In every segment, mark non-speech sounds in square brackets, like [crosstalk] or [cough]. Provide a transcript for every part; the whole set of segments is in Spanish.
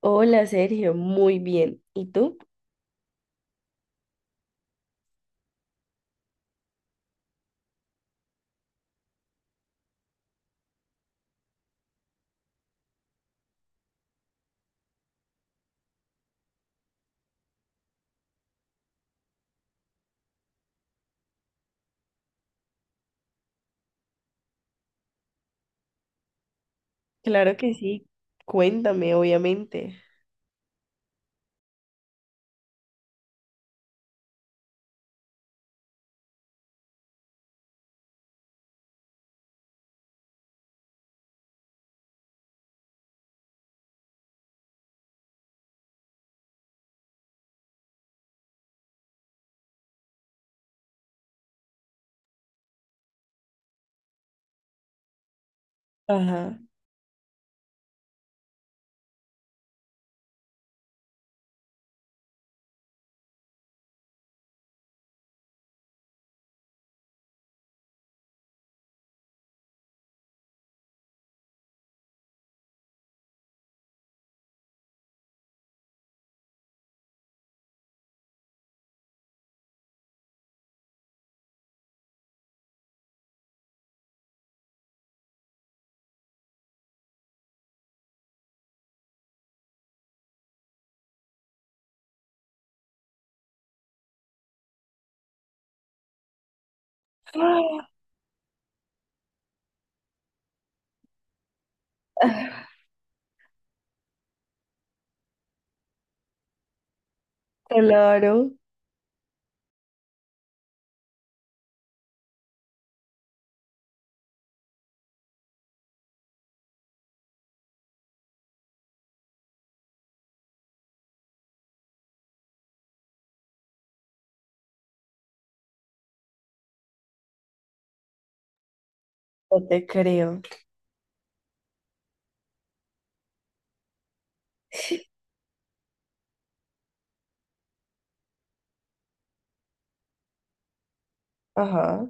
Hola Sergio, muy bien. ¿Y tú? Claro que sí, cuéntame, obviamente. Ajá. ¡Ah! [laughs] Claro, no te creo. Ajá.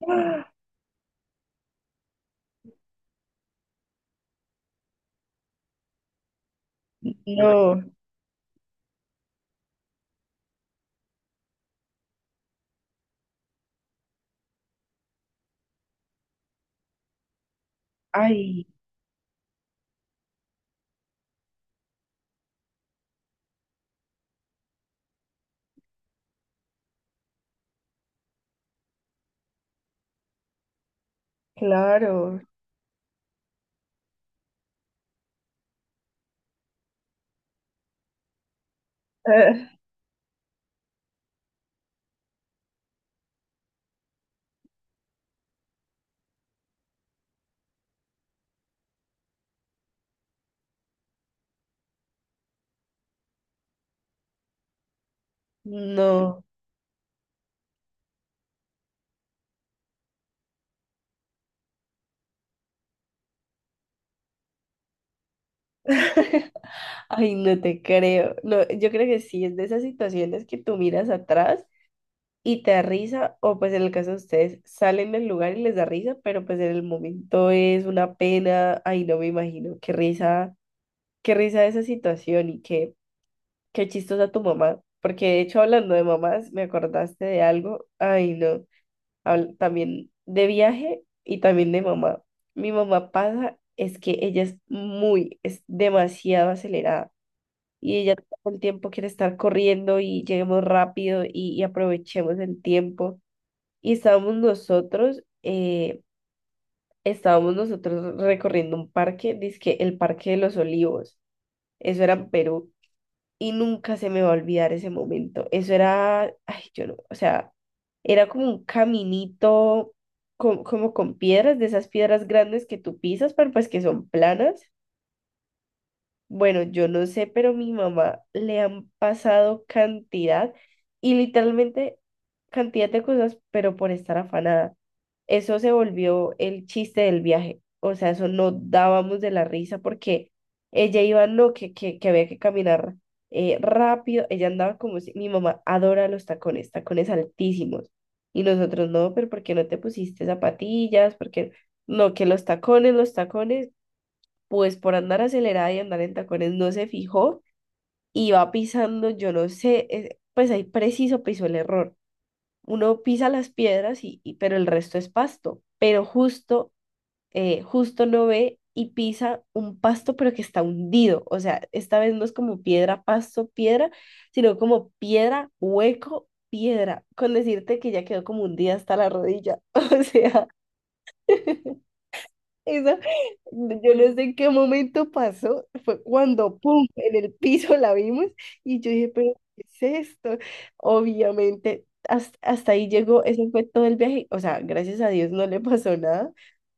[laughs] No, ay, claro. Ah, no, [laughs] ay, no te creo. No, yo creo que sí, es de esas situaciones que tú miras atrás y te da risa, o pues en el caso de ustedes, salen del lugar y les da risa, pero pues en el momento es una pena. Ay, no me imagino, qué risa esa situación. Y qué, qué chistosa tu mamá, porque de hecho hablando de mamás, me acordaste de algo. Ay, no, también de viaje y también de mamá. Mi mamá pasa, es que ella es muy, es demasiado acelerada. Y ella todo el tiempo quiere estar corriendo y lleguemos rápido y aprovechemos el tiempo. Y estábamos nosotros recorriendo un parque, dizque el Parque de los Olivos, eso era en Perú, y nunca se me va a olvidar ese momento. Eso era, ay, yo no, o sea, era como un caminito como con piedras, de esas piedras grandes que tú pisas, pero pues que son planas. Bueno, yo no sé, pero mi mamá le han pasado cantidad y literalmente cantidad de cosas, pero por estar afanada. Eso se volvió el chiste del viaje. O sea, eso no dábamos de la risa porque ella iba, no, que había que caminar rápido. Ella andaba como si mi mamá adora los tacones, tacones altísimos. Y nosotros no, pero ¿por qué no te pusiste zapatillas? Porque no, que los tacones, los tacones, pues por andar acelerada y andar en tacones no se fijó y va pisando, yo no sé, pues ahí preciso pisó el error. Uno pisa las piedras y, pero el resto es pasto, pero justo, justo no ve y pisa un pasto pero que está hundido. O sea, esta vez no es como piedra, pasto, piedra, sino como piedra, hueco, piedra, con decirte que ya quedó como hundida hasta la rodilla, [laughs] o sea. Esa, yo no sé en qué momento pasó, fue cuando, ¡pum!, en el piso la vimos y yo dije, pero, ¿qué es esto? Obviamente, hasta, hasta ahí llegó, ese fue todo el viaje. O sea, gracias a Dios no le pasó nada,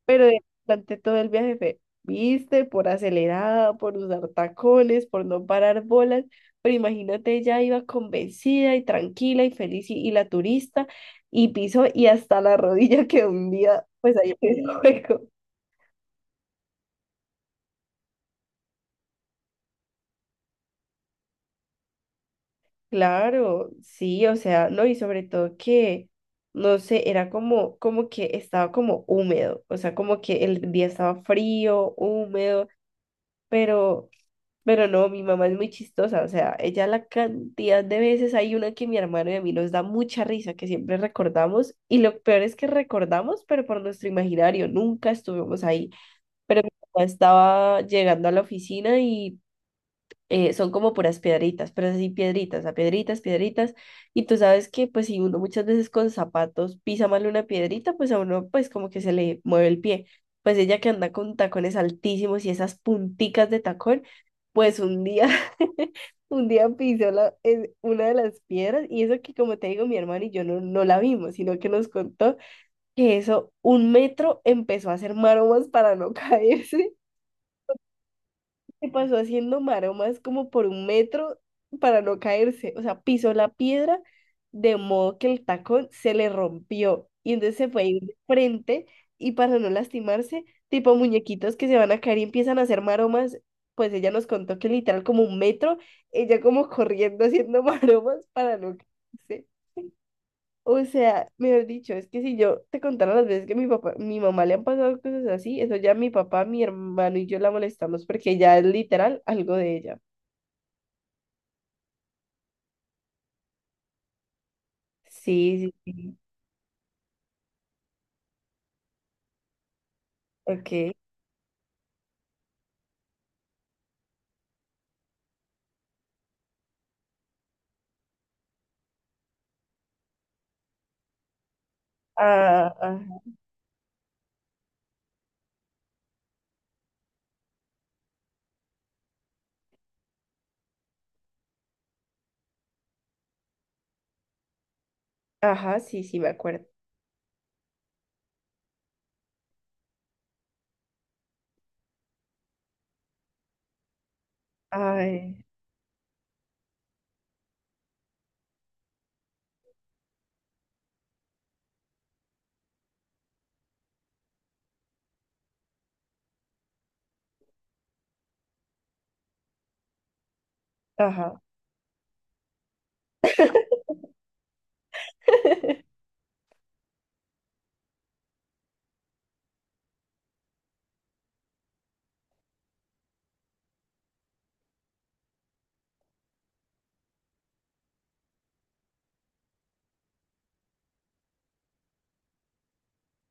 pero durante todo el viaje fue, viste, por acelerada, por usar tacones, por no parar bolas, pero imagínate, ella iba convencida y tranquila y feliz y la turista, y piso y hasta la rodilla. [laughs] Que un día, pues ahí. [laughs] Claro, sí, o sea, no, y sobre todo que, no sé, era como, como que estaba como húmedo. O sea, como que el día estaba frío, húmedo, pero, pero no, mi mamá es muy chistosa. O sea, ella la cantidad de veces, hay una que mi hermano y a mí nos da mucha risa, que siempre recordamos, y lo peor es que recordamos, pero por nuestro imaginario, nunca estuvimos ahí, pero mi mamá estaba llegando a la oficina y son como puras piedritas, pero es así piedritas, a piedritas, piedritas. Y tú sabes que pues si uno muchas veces con zapatos pisa mal una piedrita, pues a uno pues como que se le mueve el pie. Pues ella que anda con tacones altísimos y esas punticas de tacón, pues un día, [laughs] un día pisó la, una de las piedras, y eso que como te digo, mi hermano y yo no, no la vimos, sino que nos contó que eso un metro empezó a hacer maromas para no [laughs] caerse, se pasó haciendo maromas como por un metro para no caerse. O sea, pisó la piedra de modo que el tacón se le rompió. Y entonces se fue a ir de frente, y para no lastimarse, tipo muñequitos que se van a caer y empiezan a hacer maromas. Pues ella nos contó que literal como un metro, ella como corriendo haciendo [laughs] maromas para no caerse. O sea, mejor dicho, es que si yo te contara las veces que mi papá, mi mamá le han pasado cosas así, eso ya mi papá, mi hermano y yo la molestamos porque ya es literal algo de ella. Sí, sí, sí. Ok. Ah, ah, ajá, sí, sí, me acuerdo. Ay, ajá. [laughs]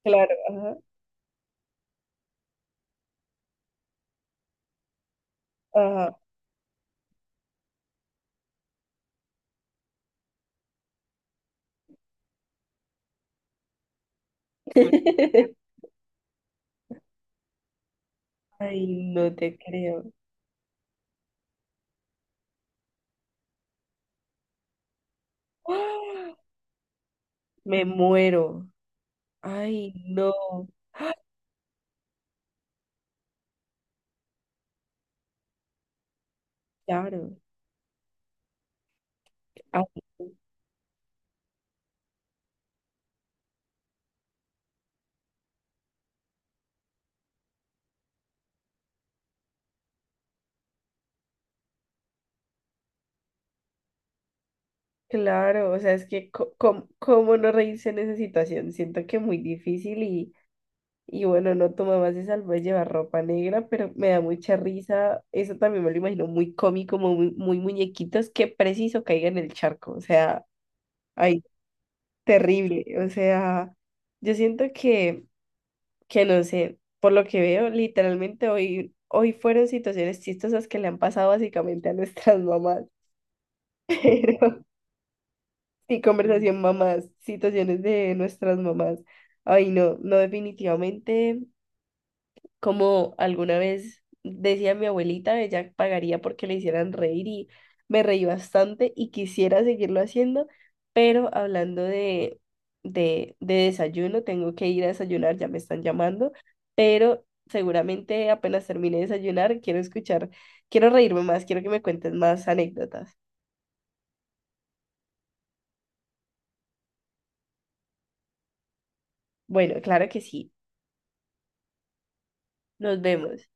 Claro, ajá, ajá. [laughs] Ay, no te creo. ¡Ah! Me muero. Ay, no, claro. Claro, o sea, es que cómo no reírse en esa situación. Siento que muy difícil y bueno, no, tu mamá se salvó de llevar ropa negra, pero me da mucha risa. Eso también me lo imagino muy cómico, muy, muy muñequitos, que preciso caiga en el charco. O sea, ay, terrible. O sea, yo siento que no sé, por lo que veo, literalmente hoy, hoy fueron situaciones chistosas que le han pasado básicamente a nuestras mamás. [laughs] Pero sí, conversación mamás, situaciones de nuestras mamás. Ay, no, no, definitivamente, como alguna vez decía mi abuelita, ella pagaría porque le hicieran reír, y me reí bastante y quisiera seguirlo haciendo, pero hablando de desayuno, tengo que ir a desayunar, ya me están llamando, pero seguramente apenas termine de desayunar, quiero escuchar, quiero reírme más, quiero que me cuentes más anécdotas. Bueno, claro que sí, nos vemos.